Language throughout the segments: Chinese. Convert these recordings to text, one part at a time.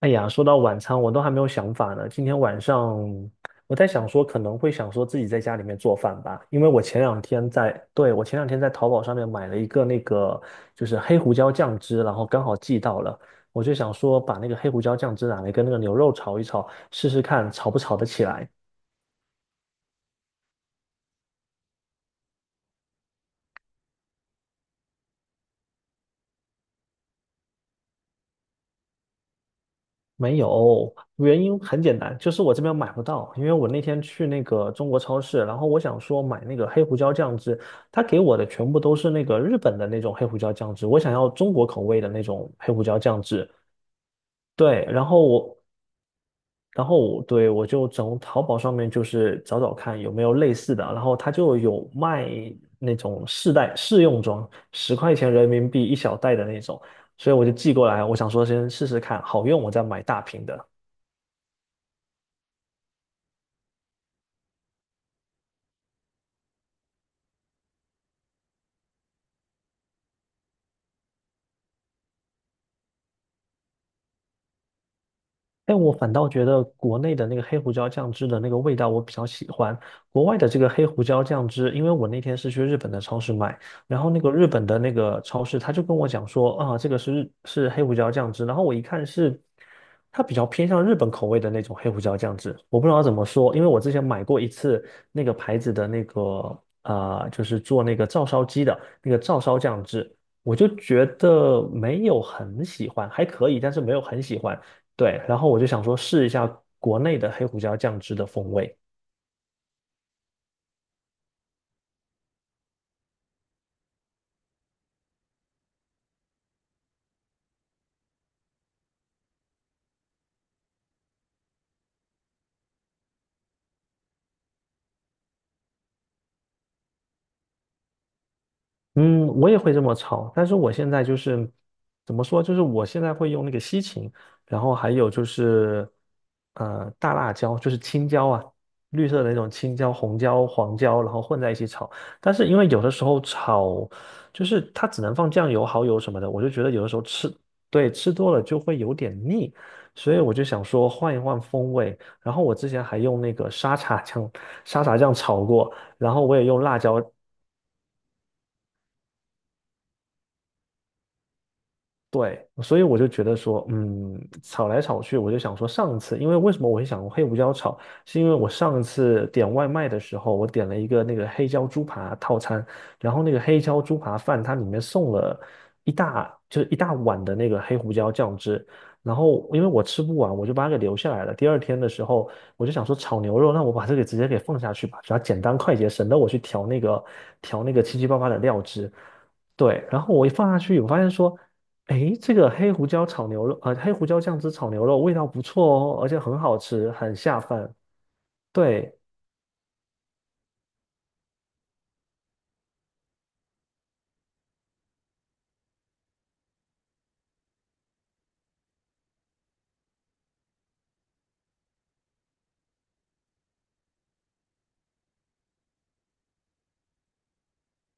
哎呀，说到晚餐，我都还没有想法呢。今天晚上我在想说，可能会想说自己在家里面做饭吧，因为我前两天在淘宝上面买了一个那个就是黑胡椒酱汁，然后刚好寄到了，我就想说把那个黑胡椒酱汁拿来跟那个牛肉炒一炒，试试看炒不炒得起来。没有，原因很简单，就是我这边买不到，因为我那天去那个中国超市，然后我想说买那个黑胡椒酱汁，他给我的全部都是那个日本的那种黑胡椒酱汁，我想要中国口味的那种黑胡椒酱汁。对。然后我，然后我，对，我就从淘宝上面就是找找看有没有类似的，然后他就有卖那种试袋试用装，10块钱人民币一小袋的那种，所以我就寄过来，我想说先试试看，好用我再买大瓶的。但我反倒觉得国内的那个黑胡椒酱汁的那个味道我比较喜欢，国外的这个黑胡椒酱汁，因为我那天是去日本的超市买，然后那个日本的那个超市他就跟我讲说，啊，这个是日是黑胡椒酱汁，然后我一看是它比较偏向日本口味的那种黑胡椒酱汁，我不知道怎么说，因为我之前买过一次那个牌子的那个就是做那个照烧鸡的那个照烧酱汁，我就觉得没有很喜欢，还可以，但是没有很喜欢。对，然后我就想说试一下国内的黑胡椒酱汁的风味。嗯，我也会这么炒，但是我现在就是怎么说，就是我现在会用那个西芹，然后还有就是大辣椒，就是青椒啊，绿色的那种青椒、红椒、黄椒，然后混在一起炒。但是因为有的时候炒，就是它只能放酱油、蚝油什么的，我就觉得有的时候吃，对，吃多了就会有点腻，所以我就想说换一换风味。然后我之前还用那个沙茶酱炒过。然后我也用辣椒。对，所以我就觉得说，嗯，炒来炒去，我就想说，上次，因为为什么我会想黑胡椒炒，是因为我上次点外卖的时候，我点了一个那个黑椒猪扒套餐，然后那个黑椒猪扒饭它里面送了就是一大碗的那个黑胡椒酱汁，然后因为我吃不完，我就把它给留下来了。第二天的时候，我就想说炒牛肉，那我把这个直接给放下去吧，只要简单快捷，省得我去调那个七七八八的料汁。对，然后我一放下去，我发现说，诶，这个黑胡椒炒牛肉，黑胡椒酱汁炒牛肉味道不错哦，而且很好吃，很下饭。对。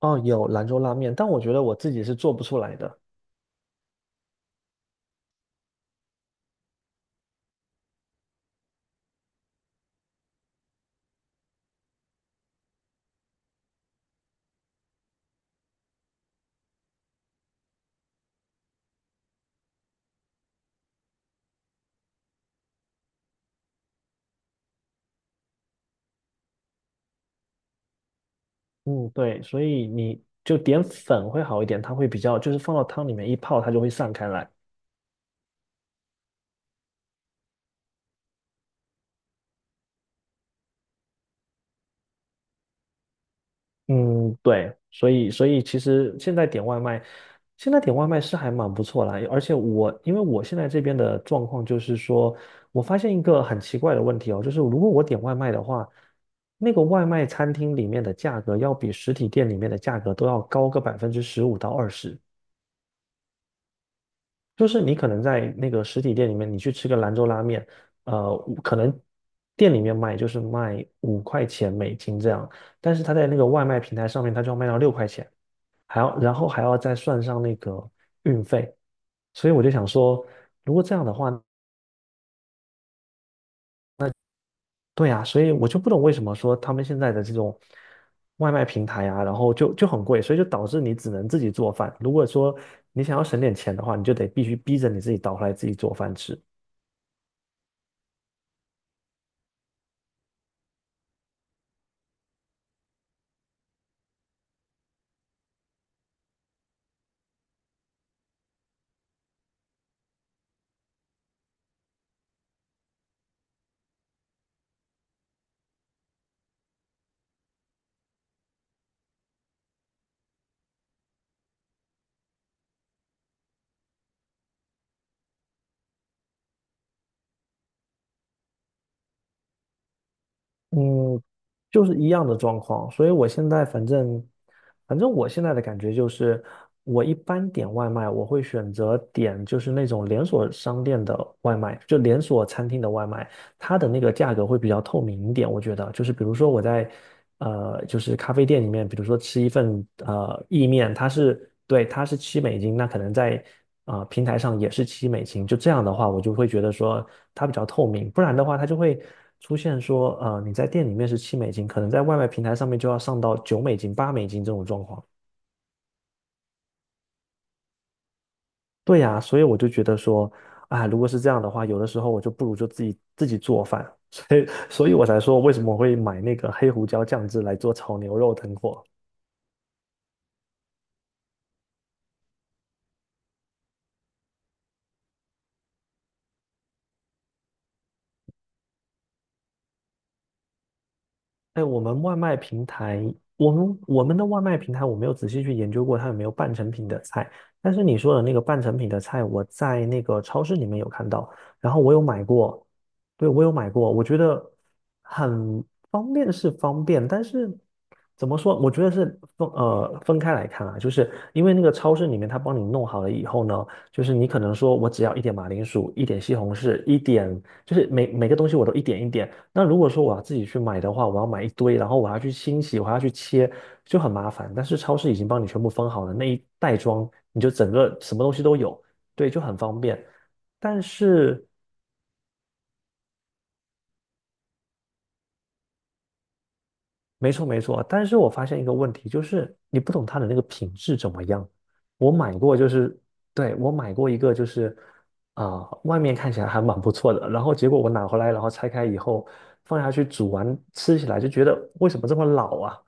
哦，有兰州拉面，但我觉得我自己是做不出来的。嗯，对，所以你就点粉会好一点，它会比较，就是放到汤里面一泡，它就会散开来。嗯，对，所以其实现在点外卖，现在点外卖是还蛮不错啦。而且我因为我现在这边的状况就是说，我发现一个很奇怪的问题哦，就是如果我点外卖的话，那个外卖餐厅里面的价格要比实体店里面的价格都要高个15%到20%。就是你可能在那个实体店里面，你去吃个兰州拉面，呃，可能店里面卖就是卖5块钱美金这样，但是他在那个外卖平台上面，他就要卖到6块钱。还要然后还要再算上那个运费，所以我就想说，如果这样的话，对啊，所以我就不懂为什么说他们现在的这种外卖平台啊，然后就很贵，所以就导致你只能自己做饭。如果说你想要省点钱的话，你就得必须逼着你自己倒出来自己做饭吃。嗯，就是一样的状况，所以我现在反正，反正我现在的感觉就是，我一般点外卖，我会选择点就是那种连锁商店的外卖，就连锁餐厅的外卖，它的那个价格会比较透明一点，我觉得就是比如说我在就是咖啡店里面，比如说吃一份意面，它是对它是七美金，那可能在平台上也是七美金，就这样的话，我就会觉得说它比较透明，不然的话它就会出现说你在店里面是七美金，可能在外卖平台上面就要上到9美金、8美金这种状况。对呀，所以我就觉得说，啊，如果是这样的话，有的时候我就不如就自己做饭，所以我才说为什么我会买那个黑胡椒酱汁来做炒牛肉等火。哎，我们外卖平台，我们的外卖平台，我没有仔细去研究过它有没有半成品的菜，但是你说的那个半成品的菜，我在那个超市里面有看到，然后我有买过，对，我有买过，我觉得很方便是方便，但是怎么说？我觉得是分开来看啊，就是因为那个超市里面他帮你弄好了以后呢，就是你可能说我只要一点马铃薯，一点西红柿，一点就是每个东西我都一点一点。那如果说我要自己去买的话，我要买一堆，然后我还要去清洗，我还要去切，就很麻烦。但是超市已经帮你全部分好了，那一袋装你就整个什么东西都有，对，就很方便。但是。没错没错，但是我发现一个问题，就是你不懂它的那个品质怎么样。我买过，就是对我买过一个，就是外面看起来还蛮不错的，然后结果我拿回来，然后拆开以后放下去煮完，吃起来就觉得为什么这么老啊？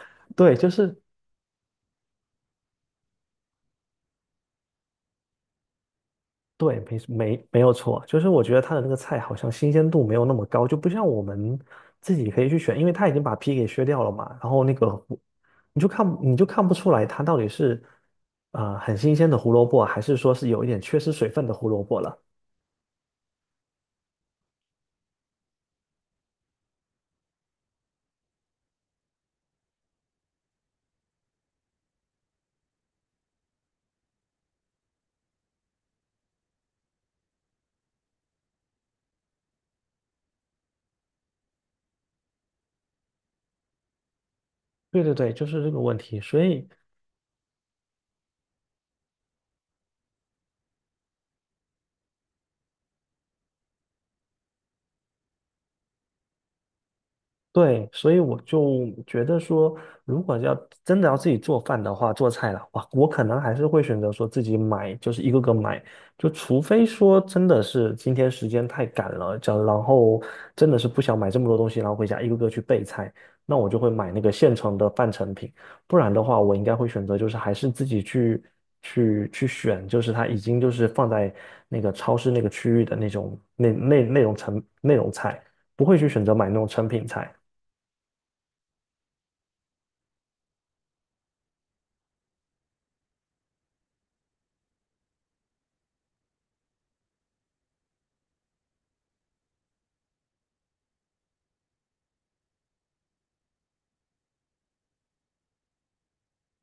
对，就是对，没有错，就是我觉得它的那个菜好像新鲜度没有那么高，就不像我们自己可以去选，因为它已经把皮给削掉了嘛，然后那个胡你就看不出来它到底是很新鲜的胡萝卜，还是说是有一点缺失水分的胡萝卜了。对对对，就是这个问题，所以。对，所以我就觉得说，如果要真的要自己做饭的话，做菜了，哇，我可能还是会选择说自己买，就是一个个买，就除非说真的是今天时间太赶了，这样然后真的是不想买这么多东西，然后回家一个个去备菜，那我就会买那个现成的半成品，不然的话，我应该会选择就是还是自己去选，就是它已经就是放在那个超市那个区域的那种那种成那种菜，不会去选择买那种成品菜。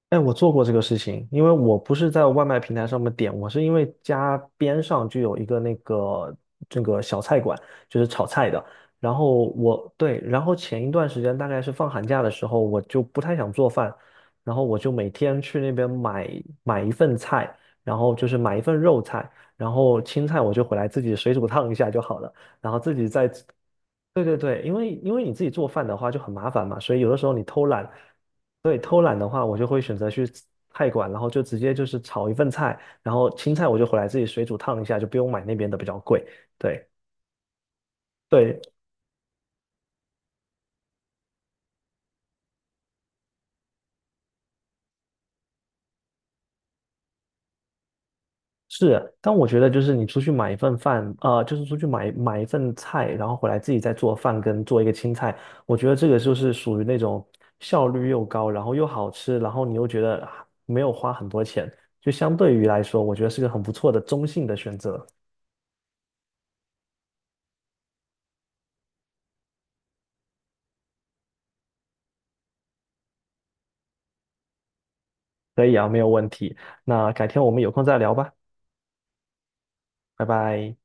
哎，我做过这个事情，因为我不是在外卖平台上面点，我是因为家边上就有一个那个这个小菜馆，就是炒菜的。然后我对，然后前一段时间大概是放寒假的时候，我就不太想做饭，然后我就每天去那边买一份菜，然后就是买一份肉菜，然后青菜我就回来自己水煮烫一下就好了，然后自己再对对对，因为因为你自己做饭的话就很麻烦嘛，所以有的时候你偷懒，对，偷懒的话，我就会选择去菜馆，然后就直接就是炒一份菜，然后青菜我就回来自己水煮烫一下，就不用买那边的比较贵。对对，是，但我觉得就是你出去买一份饭，就是出去买一份菜，然后回来自己再做饭跟做一个青菜，我觉得这个就是属于那种效率又高，然后又好吃，然后你又觉得啊没有花很多钱，就相对于来说，我觉得是个很不错的中性的选择。可以啊，没有问题。那改天我们有空再聊吧，拜拜。